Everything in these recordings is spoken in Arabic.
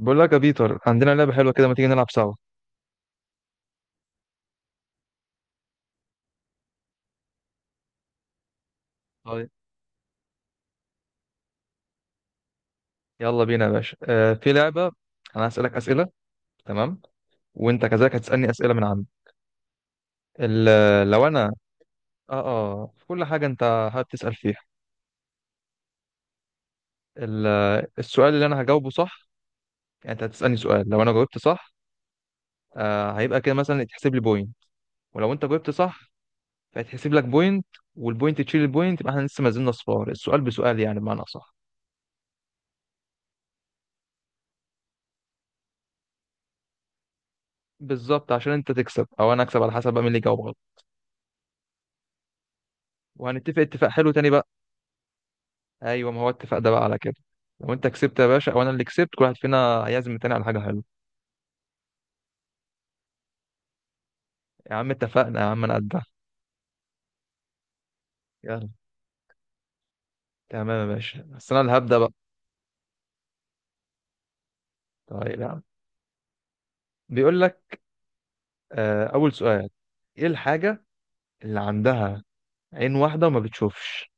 بقول لك يا بيتر، عندنا لعبة حلوة كده، ما تيجي نلعب سوا؟ طيب، يلا بينا يا باشا. في لعبة. أنا هسألك أسئلة، تمام، وأنت كذلك هتسألني أسئلة من عندي. لو أنا في كل حاجة أنت هتسأل فيها. ال- السؤال اللي أنا هجاوبه صح، يعني أنت هتسألني سؤال، لو أنا جاوبت صح هيبقى كده مثلا يتحسب لي بوينت، ولو أنت جاوبت صح فيتحسب لك بوينت، والبوينت تشيل البوينت، يبقى إحنا لسه ما زلنا صفار، السؤال بسؤال يعني، بمعنى صح. بالظبط، عشان أنت تكسب أو أنا أكسب على حسب بقى مين اللي يجاوب غلط. وهنتفق اتفاق حلو تاني بقى. ايوه، ما هو اتفق ده بقى على كده. لو انت كسبت يا باشا، وانا اللي كسبت، كل واحد فينا هيعزم التاني على حاجه حلوه. يا عم اتفقنا، يا عم انا قدها. يلا، تمام يا باشا، بس انا اللي هبدا بقى. طيب يا عم، بيقول لك اول سؤال: ايه الحاجه اللي عندها عين واحده وما بتشوفش؟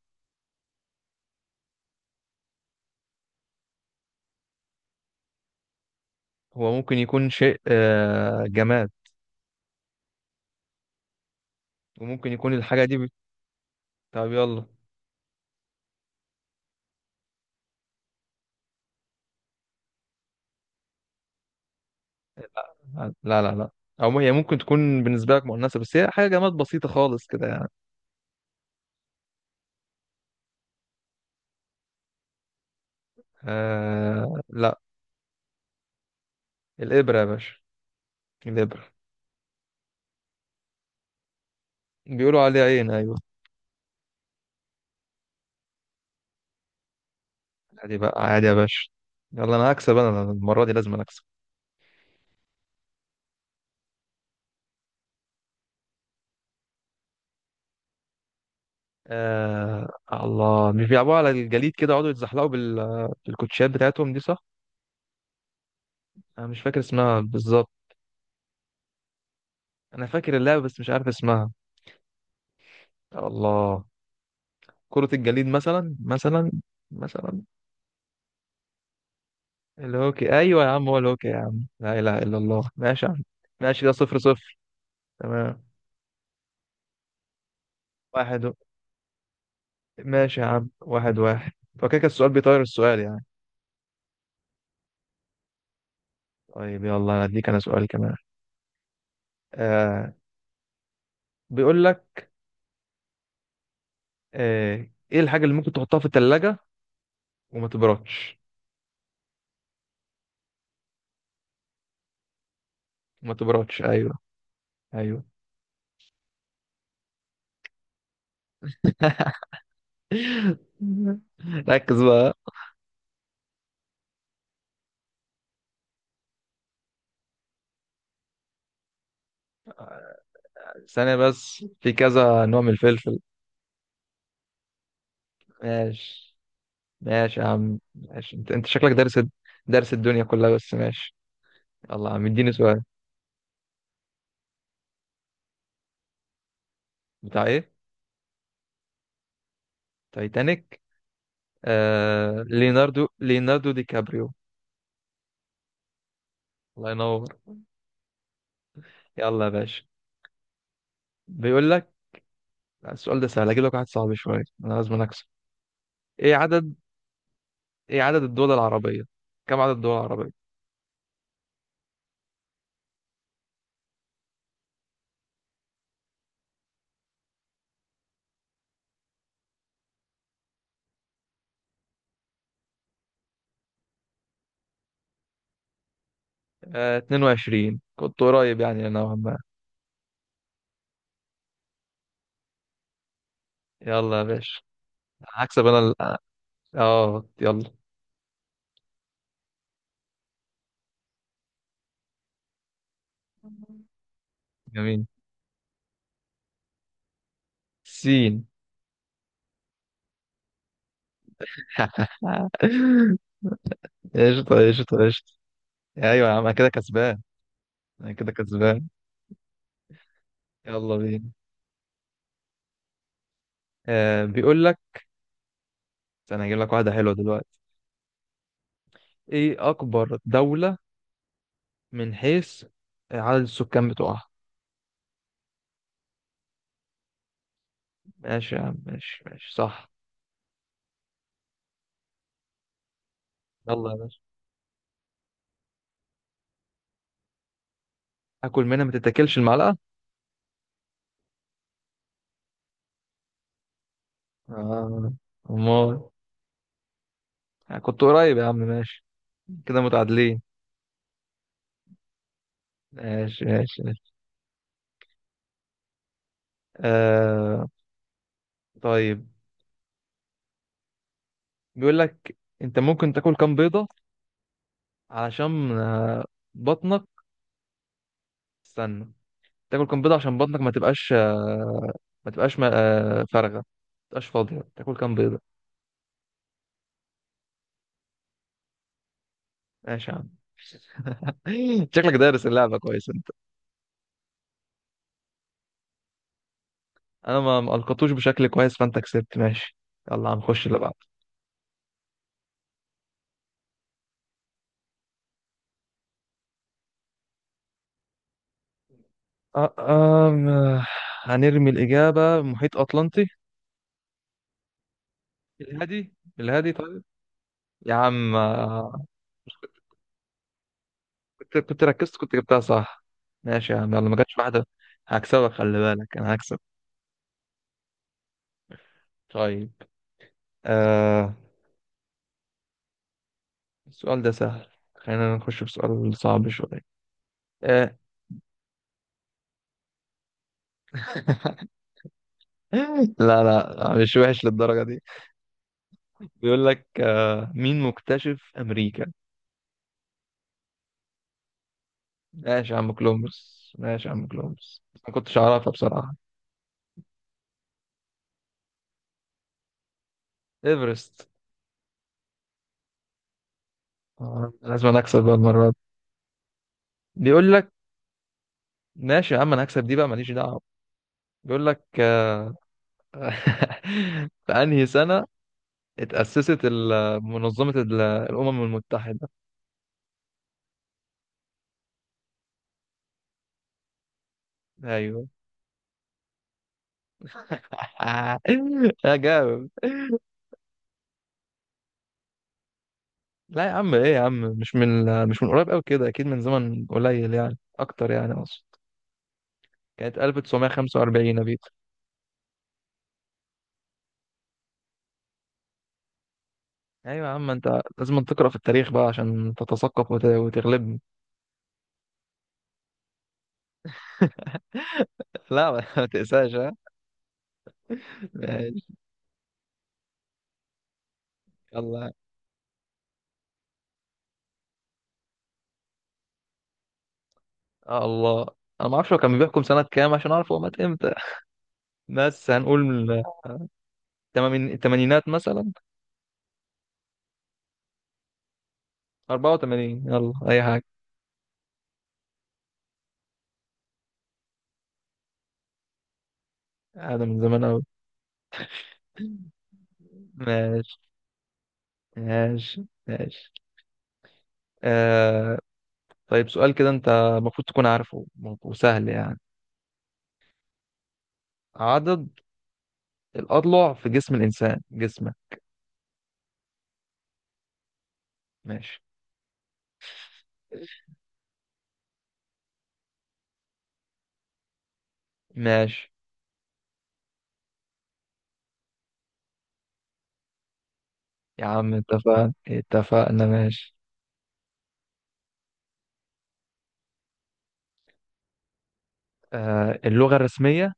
هو ممكن يكون شيء جماد، وممكن يكون الحاجه دي بت... طب يلا. لا، لا، لا، او هي ممكن تكون بالنسبه لك مؤنثه، بس هي حاجه جماد بسيطه خالص كده يعني. لا. الابره يا باشا، الابره، بيقولوا عليها عين، ايوه. عادي بقى، عادي يا باشا. يلا انا هكسب، أنا المره دي لازم أنا اكسب. الله، مش بيلعبوا على الجليد كده يقعدوا يتزحلقوا بال... بالكوتشات بتاعتهم دي، صح؟ انا مش فاكر اسمها بالظبط. انا فاكر اللعبه بس مش عارف اسمها. الله، كره الجليد مثلا، مثلا، مثلا. الهوكي، ايوه يا عم، هو الهوكي يا عم، لا اله الا الله، ماشي يا عم. ماشي، ده صفر صفر. تمام، واحد و... ماشي يا عم، واحد واحد. فكده كان السؤال بيطير السؤال يعني. طيب، يلا انا اديك انا سؤال كمان. آه بيقول لك ايه الحاجة اللي ممكن تحطها في التلاجة وما تبردش؟ ما تبردش، ايوه. ايوه. ركز بقى. ثانية بس، في كذا نوع من الفلفل. ماشي. ماشي يا عم، ماشي، انت انت شكلك دارس، دارس الدنيا كلها، بس ماشي. يلا يا عم اديني سؤال. بتاع ايه؟ تايتانيك. ليوناردو، ليوناردو دي كابريو. الله ينور. يلا يا باشا، بيقول لك: لا، السؤال ده سهل، اجيب لك واحد صعب شوية، انا لازم اكسب. ايه عدد، ايه عدد الدول العربية، كم عدد الدول العربية؟ 22 كنت قريب يعني نوعا ما. يلا يا باشا، هكسب انا اه يلا. جميل، سين. قشطة، قشطة، قشطة. ايوه يا عم، انا كده كسبان، انا كده كسبان. يلا بينا. بيقول لك: انا هجيب لك واحدة حلوة دلوقتي. ايه اكبر دولة من حيث عدد السكان بتوعها؟ ماشي يا عم، ماشي ماشي، صح. يلا يا باشا، اكل منها ما تتاكلش، المعلقة. اه، امال. يعني كنت قريب يا عم، ماشي، كده متعادلين. ماشي ماشي ماشي. آه طيب، بيقول لك: انت ممكن تاكل كام بيضة علشان بطنك، استنى، تاكل كام بيضة عشان بطنك ما تبقاش ما تبقاش ما- فارغة، ما تبقاش فاضية، تاكل كام بيضة؟ ماشي يا عم. شكلك دارس اللعبة كويس انت. انا ما ما القطوش بشكل كويس، فانت كسبت، ماشي. يلا هنخش اللي بعده. آه، آم، آه، هنرمي الإجابة: محيط أطلنطي. الهادي. الهادي، طيب يا عم. كنت ركزت كنت جبتها صح. ماشي يا عم، يلا ما جاتش واحدة. هكسبك، خلي بالك أنا هكسب. طيب، آه السؤال ده سهل، خلينا نخش في سؤال صعب شوية. آه. لا لا، مش وحش للدرجة دي. بيقول لك مين مكتشف أمريكا؟ ماشي يا عم، كولومبوس، ماشي يا عم، كولومبوس، ما كنتش أعرفها بصراحة. إيفرست. لازم أنا أكسب بقى المرة دي. بيقول لك: ماشي يا عم، أنا هكسب دي بقى ماليش دعوة. بيقول لك في انهي سنة اتأسست منظمة الأمم المتحدة؟ ايوه. يا جامد. لا يا عم، ايه يا عم، مش من قريب قوي كده، اكيد من زمن قليل يعني، اكتر يعني اقصد. كانت 1945 يا بيتر. ايوه يا عم، انت لازم تقرأ في التاريخ بقى عشان تتثقف وتغلبني. لا، ما ما تقساش ها. ماشي. الله. الله، انا ما اعرفش هو كان بيحكم سنة كام عشان اعرف هو مات امتى، بس هنقول من التمانينات مثلا. 84 يلا، أي حاجة. هذا من زمان أوي. ماشي ماشي ماشي. آه طيب، سؤال كده أنت المفروض تكون عارفه وسهل يعني: عدد الأضلع في جسم الإنسان، جسمه. ماشي. ماشي يا عم، اتفقنا اتفقنا، ماشي. اللغة الرسمية،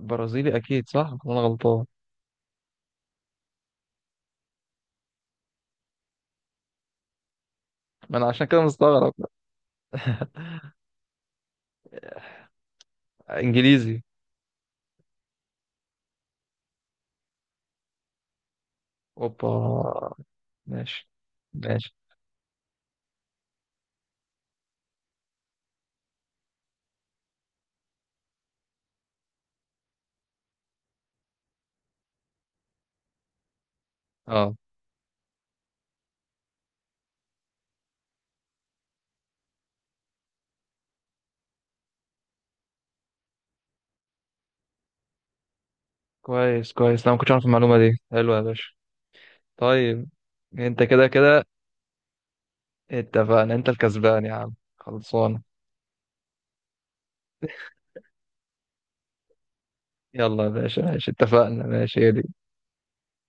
برازيلي أكيد، صح ولا أنا غلطان؟ ما أنا عشان كده مستغرب. إنجليزي. أوبا، ماشي ماشي. أه، كويس كويس، لا ما كنتش عارف المعلومة دي، حلوة يا باشا. طيب، انت كده كده اتفقنا، انت الكسبان يا عم، خلصان. يلا يا باشا، ماشي، اتفقنا، ماشي هي دي.